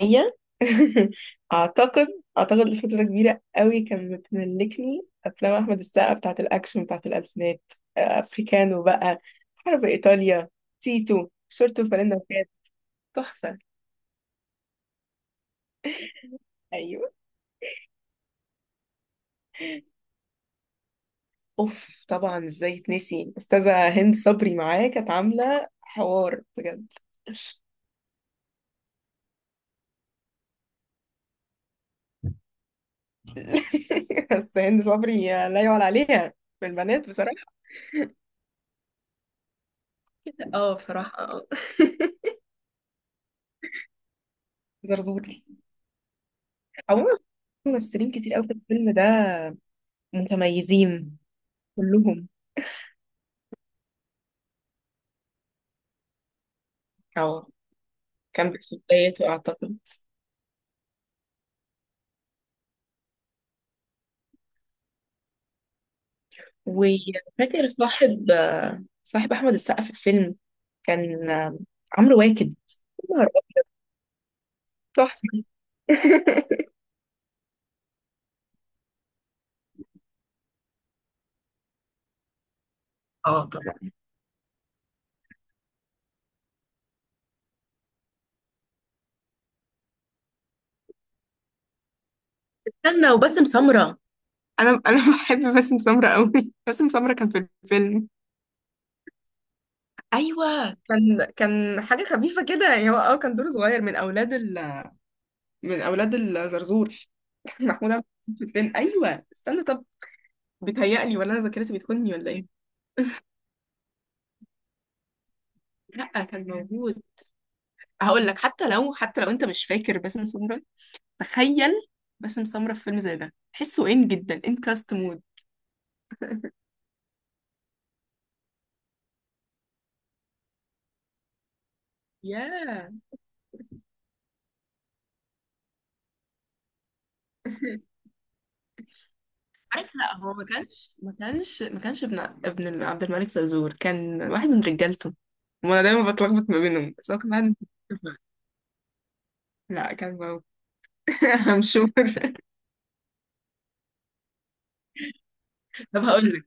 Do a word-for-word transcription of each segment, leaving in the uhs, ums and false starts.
هي. اعتقد اعتقد لفتره كبيره قوي كان بتملكني افلام احمد السقا بتاعه الاكشن بتاعه الالفينات. آه، افريكانو بقى، حرب ايطاليا، تيتو شورت وفانلة وكاب. تحفه. ايوه. اوف، طبعا ازاي تنسي استاذه هند صبري معاه، كانت عامله حوار بجد. بس هند صبري لا يعلى عليها في البنات بصراحه. اه، بصراحه، اه. زرزور. عموما في ممثلين كتير قوي في الفيلم ده متميزين كلهم. اه، كان في بدايته اعتقد. وفاكر صاحب صاحب احمد السقا في الفيلم كان عمرو واكد. يا نهار أبيض، تحفه. اه طبعا. استنى، وباسم سمره. انا انا بحب باسم سمره قوي. باسم سمره كان في الفيلم. ايوه كان كان حاجه خفيفه كده، يعني هو اه كان دوره صغير من اولاد ال... من اولاد الزرزور. محمود عبد العزيز في الفيلم، ايوه، استنى، طب بيتهيألي ولا انا ذاكرتي بتخوني ولا ايه؟ لا كان موجود. هقول لك، حتى لو حتى لو انت مش فاكر باسم سمرة، تخيل باسم سمرة في فيلم زي ده، تحسه ان جدا ان كاست مود. ياه. عارف، لا هو ما كانش ما كانش ما كانش ابن ابن عبد الملك زرزور كان واحد من رجالته، وانا دايما بتلخبط ما بينهم، بس هو كان واحد من رجالته. لا كان موجود. همشور. طب هقول لك،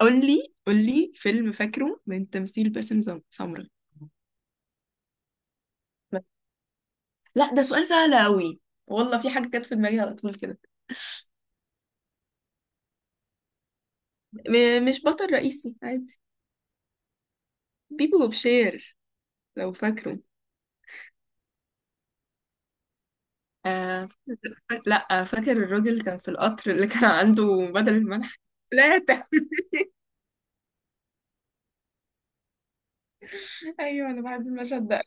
قول لي قول لي فيلم فاكره من تمثيل باسم زم- سمرة. لا ده سؤال سهل قوي، والله في حاجة كانت في دماغي على طول كده. م- مش بطل رئيسي عادي، بيبو وبشير، لو فاكره. آه فاك- لا فاكر الراجل اللي كان في القطر اللي كان عنده بدل الملح ثلاثة. أيوة أنا بحب المشهد ده.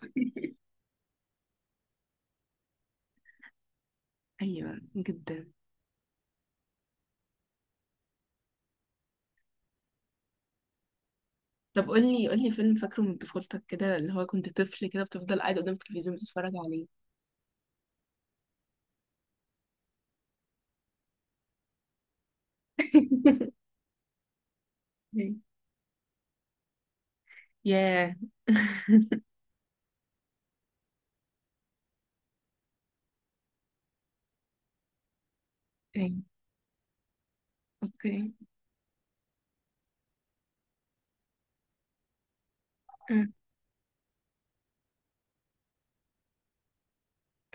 ايوه جدا. طب قولي قولي فيلم فاكره من طفولتك كده، اللي هو كنت طفل كده بتفضل قاعد قدام التلفزيون بتتفرج عليه. ياه. أيوة. أوكي. أمم.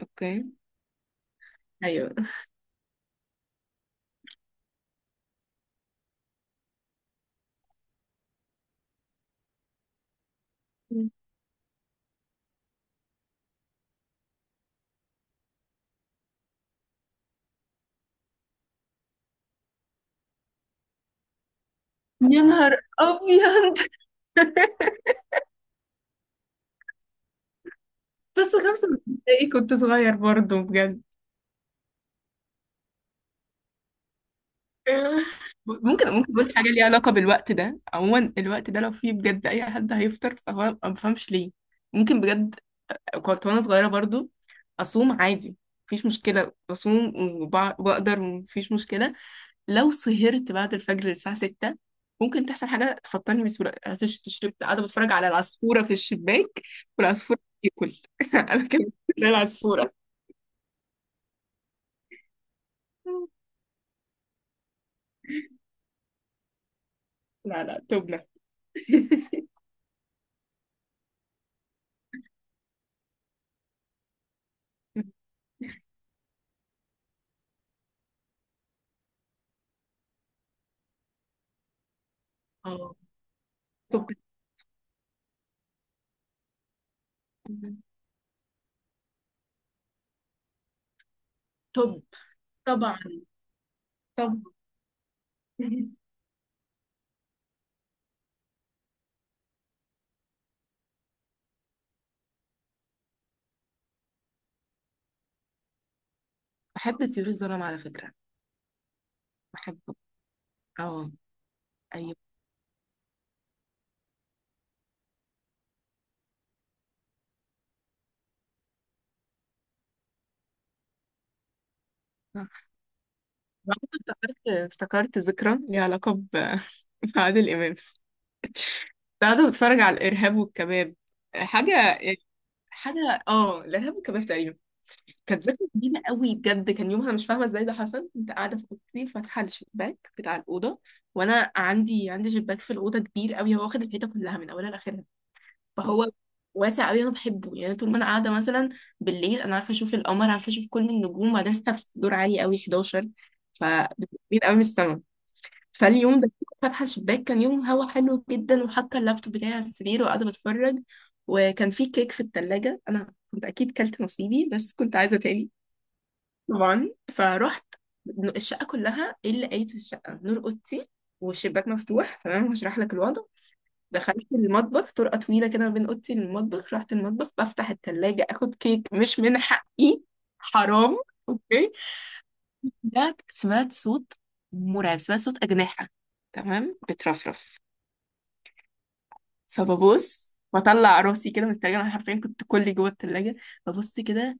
أوكي. ايوه. يا نهار ابيض. بس خمسة دقايق كنت صغير برضه بجد. آه. ممكن ممكن اقول حاجه ليها علاقه بالوقت ده، عموما الوقت ده لو فيه بجد اي حد هيفطر فهو ما بفهمش ليه. ممكن بجد، كنت وانا صغيره برضو اصوم عادي، مفيش مشكله بصوم وبع- وبقدر، مفيش مشكله. لو سهرت بعد الفجر الساعه ستة، ممكن تحصل حاجه تفطرني بسهوله. هتش شربت قاعده بتفرج على العصفوره في الشباك والعصفور بياكل. انا كده زي العصفوره. لا لا، توبنا. اه. توب توب. طبعا طبعا. بحب طيور الظلام على فكرة. بحبه. اه. ايوه صح. وعمري افتكرت افتكرت ذكرى ليها علاقة ب- بعادل إمام. كنت قاعدة بتفرج على الإرهاب والكباب، حاجة يعني، حاجة اه الإرهاب والكباب تقريبا. كانت ذكرى جميلة قوي بجد. كان يومها مش فاهمة ازاي ده حصل. كنت قاعدة في أوضتي فاتحة الشباك بتاع الأوضة، وأنا عندي عندي شباك في الأوضة كبير قوي، هو واخد الحيطة كلها من أولها لآخرها. فهو واسع قوي انا بحبه، يعني طول ما انا قاعده مثلا بالليل، انا عارفه اشوف القمر، عارفه اشوف كل النجوم. وبعدين احنا في دور عالي قوي حداشر، فبتبقين قوي من السما. فاليوم ده كنت فاتحه الشباك، كان يوم هوا حلو جدا، وحاطه اللابتوب بتاعي على السرير وقاعده بتفرج. وكان في كيك في التلاجة، انا كنت اكيد كلت نصيبي بس كنت عايزه تاني. طبعا فرحت. الشقه كلها ايه اللي قايت في الشقه؟ نور اوضتي والشباك مفتوح. تمام، هشرح لك الوضع. دخلت المطبخ، طرقة طويلة كده ما بين أوضتي للمطبخ، رحت المطبخ بفتح التلاجة أخد كيك مش من حقي، حرام، أوكي. ده سمعت صوت مرعب، سمعت صوت أجنحة، تمام، بترفرف. فببص بطلع راسي كده من التلاجة، أنا حرفيا كنت كلي جوه التلاجة. ببص كده،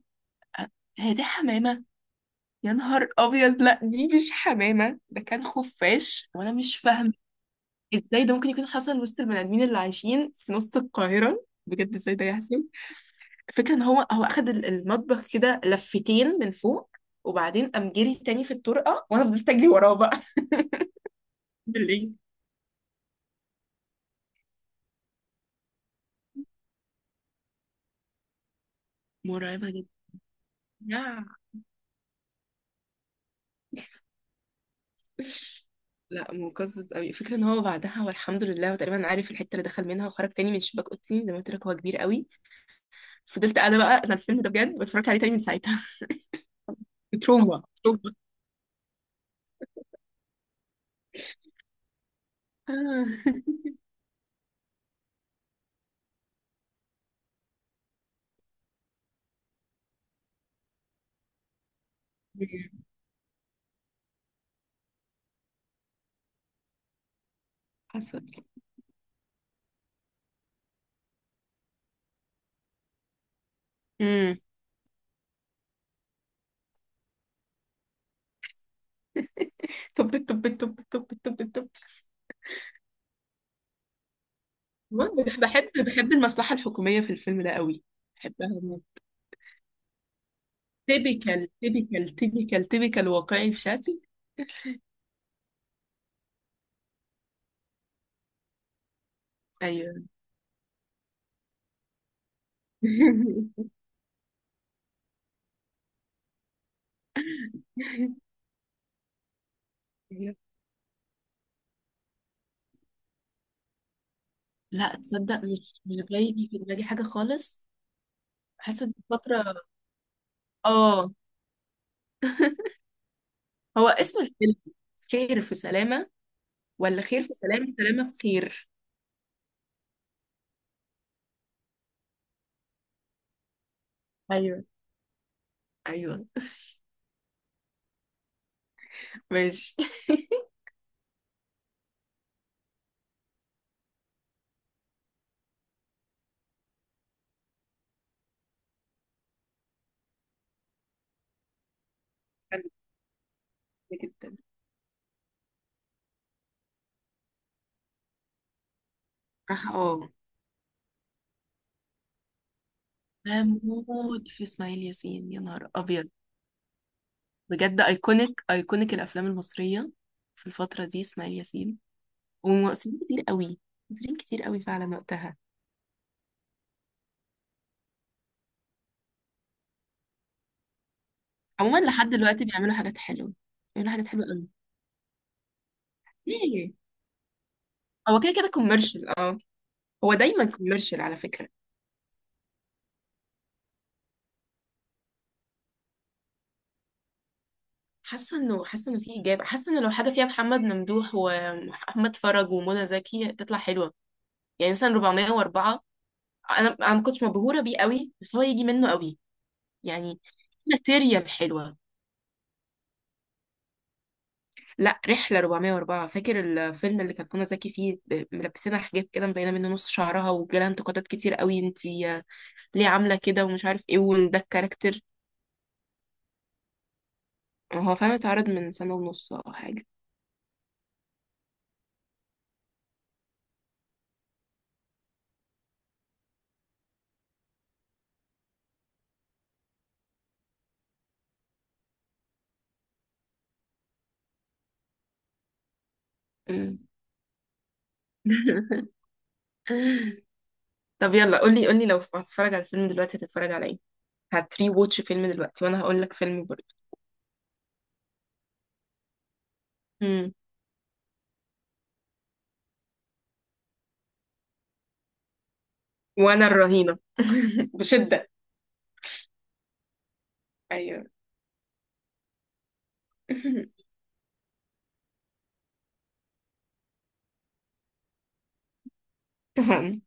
أ- هي دي حمامة؟ يا نهار أبيض، لا دي مش حمامة، ده كان خفاش. وأنا مش فاهمة ازاي ده ممكن يكون حصل وسط البني آدمين اللي عايشين في نص القاهرة، بجد ازاي ده يحصل. الفكرة ان هو هو اخد ال- المطبخ كده لفتين من فوق، وبعدين قام جري تاني في الطرقة، وانا فضلت اجري وراه بقى. ليه؟ مرعبة جدا. يا. لا مقزز قوي. الفكرة ان هو بعدها والحمد لله، هو تقريبا عارف الحتة اللي دخل منها، وخرج تاني من شباك اوضتي، زي ما قلت لك هو كبير قوي. فضلت قاعدة بقى انا. الفيلم ده بجد ما اتفرجتش عليه تاني من ساعتها. تروما، تروما. آه. حصل. امم. طب، طب، طب، طب، طب، طب. بحب بحب المصلحة الحكومية في الفيلم ده قوي، بحبها. تيبيكال، تيبيكال، تيبيكال، تيبيكال، واقعي في شكل. ايوه. لا تصدق، مش مش جاي في دماغي حاجه خالص. حاسه دي فتره. اه. هو اسم الفيلم خير في سلامه، ولا خير في سلامه سلامه في خير؟ ايوه. ايوه. ماشي. حلو جدا. راح. اه. بموت في اسماعيل ياسين، يا نهار ابيض، بجد ايكونيك ايكونيك الافلام المصريه في الفتره دي. اسماعيل ياسين ومؤثرين كتير قوي، مؤثرين كتير قوي فعلا وقتها. عموما لحد دلوقتي بيعملوا حاجات حلوه، بيعملوا حاجات حلوه قوي. ليه؟ هو كده كده كوميرشال، اه. هو دايما كوميرشال على فكره. حاسه انه حاسه انه في اجابه، حاسه انه لو حاجه فيها محمد ممدوح ومحمد فرج ومنى زكي تطلع حلوه. يعني مثلا أربعمية وأربعة. انا انا ما كنتش مبهوره بيه قوي، بس هو يجي منه قوي، يعني ماتيريال حلوه. لا، رحلة أربعمية وأربعة. فاكر الفيلم اللي كانت منى زكي فيه ب- ملبسينها حجاب كده، مبينة منه نص شعرها، وجالها انتقادات كتير قوي، انتي آه، ليه عاملة كده، ومش عارف ايه، وان ده الكاركتر. هو فعلا اتعرض من سنة ونص او حاجة. مم. طب يلا، قولي قولي لو هتتفرج على الفيلم دلوقتي هتتفرج على ايه؟ هتري ووتش فيلم دلوقتي وانا هقول لك فيلم برضه. مم. وانا الرهينة بشدة. ايوه. تمام.